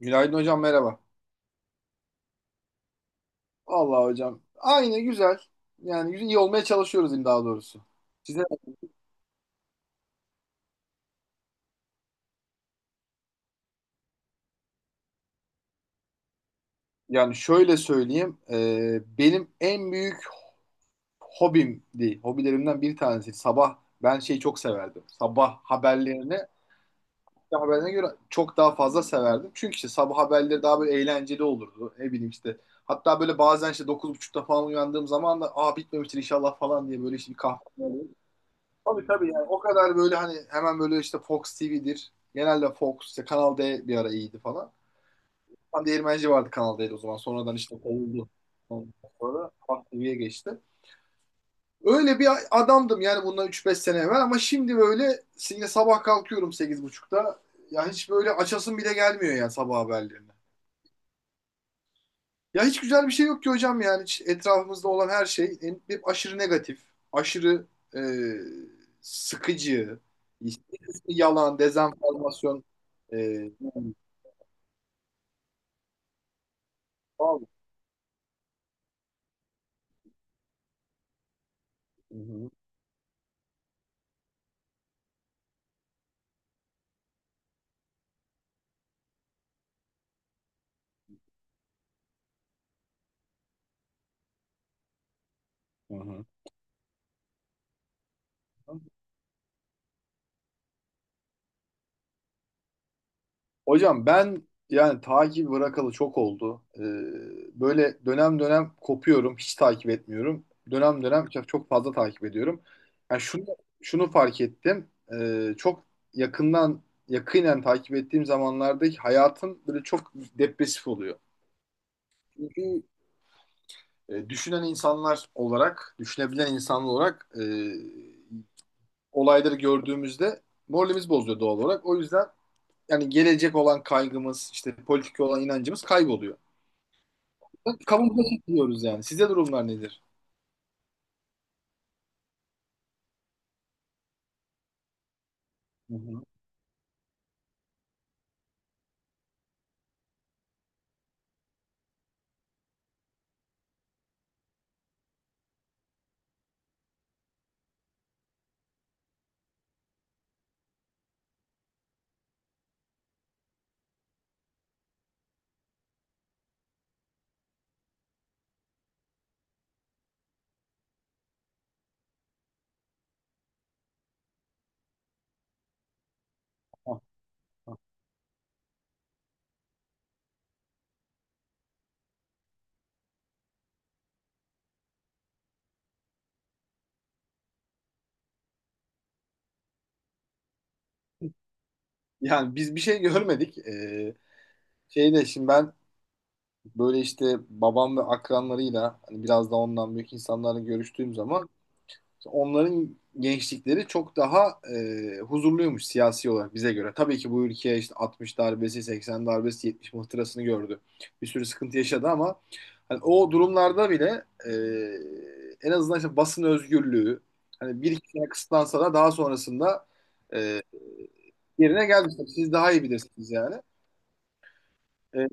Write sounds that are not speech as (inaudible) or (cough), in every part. Günaydın hocam merhaba. Vallahi hocam aynı güzel. Yani iyi olmaya çalışıyoruz diyeyim daha doğrusu. Size yani şöyle söyleyeyim. Benim en büyük hobim değil. Hobilerimden bir tanesi. Sabah ben şeyi çok severdim. Sabah haberlerini sabah haberlerine göre çok daha fazla severdim. Çünkü işte sabah haberleri daha böyle eğlenceli olurdu. Ne bileyim işte. Hatta böyle bazen işte 9.30'da falan uyandığım zaman da aa bitmemiştir inşallah falan diye böyle işte bir kahve. Tabii tabii yani o kadar böyle hani hemen böyle işte Fox TV'dir. Genelde Fox işte Kanal D bir ara iyiydi falan. Tam değirmenci vardı Kanal D'de o zaman. Sonradan işte kovuldu. Ondan sonra Fox TV'ye geçti. Öyle bir adamdım yani bundan üç beş sene evvel ama şimdi böyle yine sabah kalkıyorum 8.30'da. Ya hiç böyle açasım bile gelmiyor yani sabah haberleri. Ya hiç güzel bir şey yok ki hocam yani. Hiç etrafımızda olan her şey hep aşırı negatif, aşırı e, sıkıcı, işte bir kısmı yalan, dezenformasyon. E, Hı hı. Hı hı. Hocam ben yani takip bırakalı çok oldu. Böyle dönem dönem kopuyorum, hiç takip etmiyorum. Dönem dönem çok, çok fazla takip ediyorum. Yani şunu fark ettim. Çok yakından yakinen takip ettiğim zamanlardaki hayatım böyle çok depresif oluyor. Çünkü düşünebilen insanlar olarak olayları gördüğümüzde moralimiz bozuyor doğal olarak. O yüzden yani gelecek olan kaygımız, işte politik olan inancımız kayboluyor. Kabuğumuza çekiliyoruz yani. Sizde durumlar nedir? Hı hı. Ah. Yani biz bir şey görmedik. Şeyde şimdi ben böyle işte babam ve akranlarıyla hani biraz da ondan büyük insanlarla görüştüğüm zaman, onların gençlikleri çok daha huzurluymuş siyasi olarak bize göre. Tabii ki bu ülke işte 60 darbesi, 80 darbesi, 70 muhtırasını gördü. Bir sürü sıkıntı yaşadı ama hani o durumlarda bile en azından işte basın özgürlüğü hani bir iki sene kısıtlansa da daha sonrasında e, yerine geldi. Siz daha iyi bilirsiniz yani. E,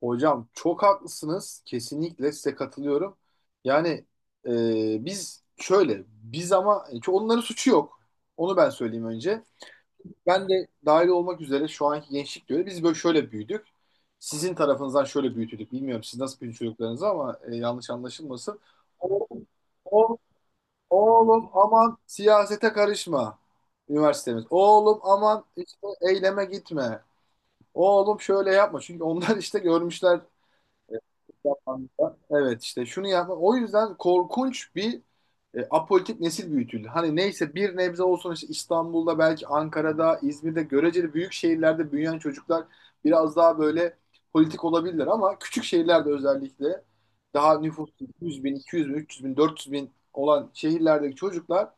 Hocam çok haklısınız. Kesinlikle size katılıyorum. Yani biz ama çünkü onların suçu yok. Onu ben söyleyeyim önce. Ben de dahil olmak üzere şu anki gençlik diyor. Biz böyle şöyle büyüdük. Sizin tarafınızdan şöyle büyütüldük. Bilmiyorum siz nasıl büyüdü çocuklarınızı ama yanlış anlaşılmasın. Oğlum, oğlum, oğlum aman siyasete karışma. Üniversitemiz. Oğlum aman işte eyleme gitme. Oğlum şöyle yapma. Çünkü onlar işte görmüşler zamanında. Evet işte şunu yapma. O yüzden korkunç bir apolitik nesil büyütüldü. Hani neyse bir nebze olsun işte İstanbul'da belki Ankara'da, İzmir'de göreceli büyük şehirlerde büyüyen çocuklar biraz daha böyle politik olabilirler ama küçük şehirlerde özellikle daha nüfus 100 bin, 200 bin, 300 bin, 400 bin olan şehirlerdeki çocuklar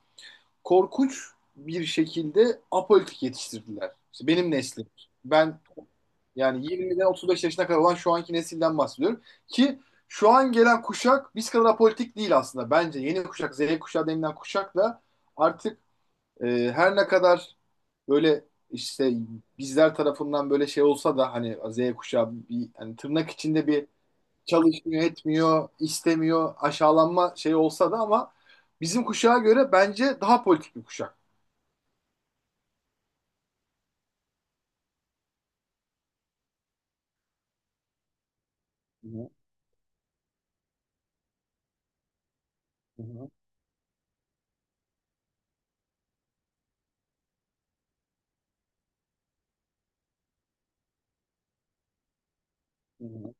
korkunç bir şekilde apolitik yetiştirdiler. İşte benim neslim. Ben yani 20'den 35 yaşına kadar olan şu anki nesilden bahsediyorum. Ki şu an gelen kuşak biz kadar apolitik değil aslında. Bence yeni kuşak, Z kuşağı denilen kuşak da artık her ne kadar böyle işte bizler tarafından böyle şey olsa da hani Z kuşağı bir hani tırnak içinde bir çalışmıyor, etmiyor, istemiyor, aşağılanma şey olsa da ama bizim kuşağa göre bence daha politik bir kuşak. Hı hı, hı hı, hı hı.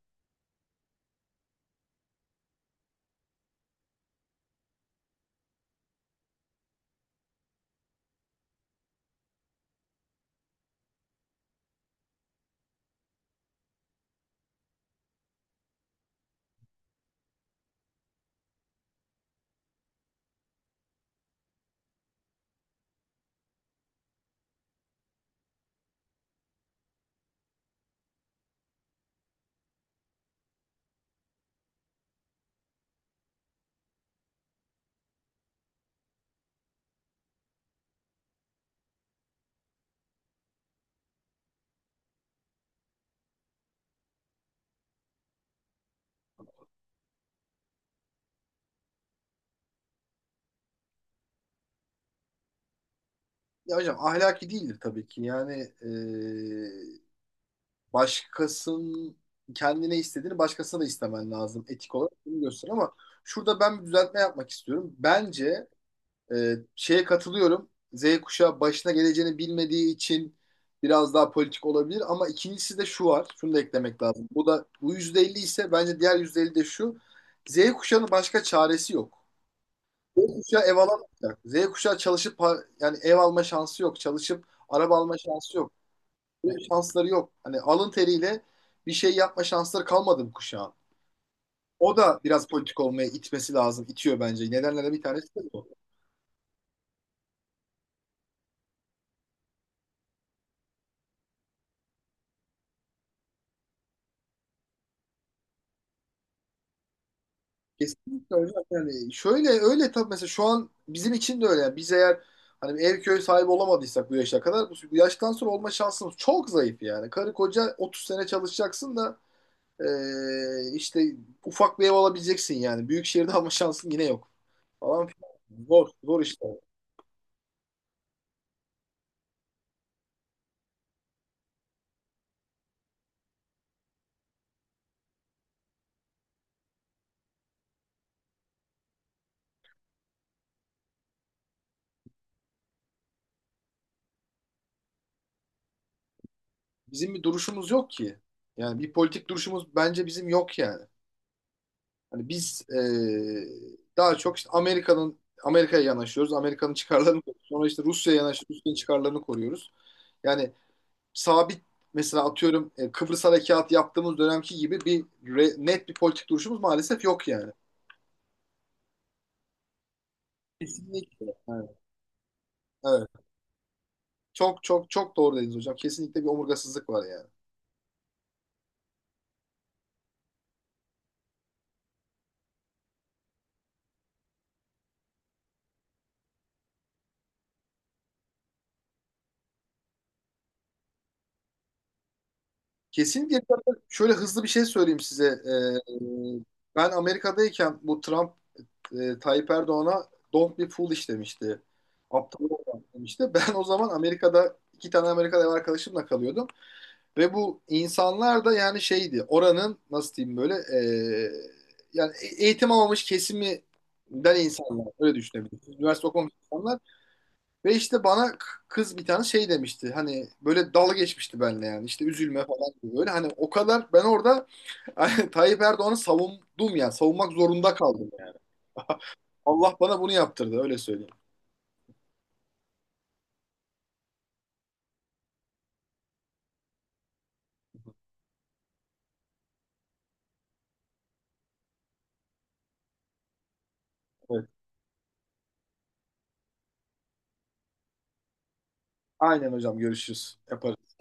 Ya hocam ahlaki değildir tabii ki. Yani e, başkasının kendine istediğini başkasına da istemen lazım etik olarak bunu göster ama şurada ben bir düzeltme yapmak istiyorum. Bence e, şeye katılıyorum. Z kuşağı başına geleceğini bilmediği için biraz daha politik olabilir ama ikincisi de şu var. Şunu da eklemek lazım. Bu da bu %50 ise bence diğer %50 de şu. Z kuşağının başka çaresi yok. Z kuşağı ev alamayacak. Z kuşağı çalışıp yani ev alma şansı yok. Çalışıp araba alma şansı yok. Böyle bir şansları yok. Hani alın teriyle bir şey yapma şansları kalmadı bu kuşağın. O da biraz politik olmaya itmesi lazım. İtiyor bence. Nedenlerden bir tanesi de bu. Kesinlikle öyle. Yani şöyle öyle tabii mesela şu an bizim için de öyle. Yani biz eğer hani bir ev köy sahibi olamadıysak bu yaşa kadar, bu yaştan sonra olma şansımız çok zayıf yani. Karı koca 30 sene çalışacaksın da işte ufak bir ev alabileceksin yani. Büyük şehirde (laughs) alma şansın yine yok. Falan filan. Zor, zor işte. Bizim bir duruşumuz yok ki. Yani bir politik duruşumuz bence bizim yok yani. Hani biz daha çok işte Amerika'ya yanaşıyoruz. Amerika'nın çıkarlarını koruyoruz. Sonra işte Rusya'ya yanaşıyoruz. Rusya'nın çıkarlarını koruyoruz. Yani sabit mesela atıyorum Kıbrıs Harekatı yaptığımız dönemki gibi bir net bir politik duruşumuz maalesef yok yani. Kesinlikle. Evet. Evet. Çok çok çok doğru dediniz hocam. Kesinlikle bir omurgasızlık var yani. Kesinlikle şöyle hızlı bir şey söyleyeyim size. Ben Amerika'dayken bu Trump Tayyip Erdoğan'a don't be foolish demişti. Aptal olma demişti. (laughs) Ben o zaman Amerika'da iki tane Amerikalı ev arkadaşımla kalıyordum. Ve bu insanlar da yani şeydi oranın nasıl diyeyim böyle yani eğitim almamış kesiminden insanlar. Öyle düşünebilirsiniz. Üniversite okumamış insanlar. Ve işte bana kız bir tane şey demişti. Hani böyle dalga geçmişti benimle yani. İşte üzülme falan gibi böyle. Hani o kadar ben orada (laughs) hani Tayyip Erdoğan'ı savundum yani. Savunmak zorunda kaldım yani. (laughs) Allah bana bunu yaptırdı öyle söyleyeyim. Evet. Aynen hocam görüşürüz. Yaparız.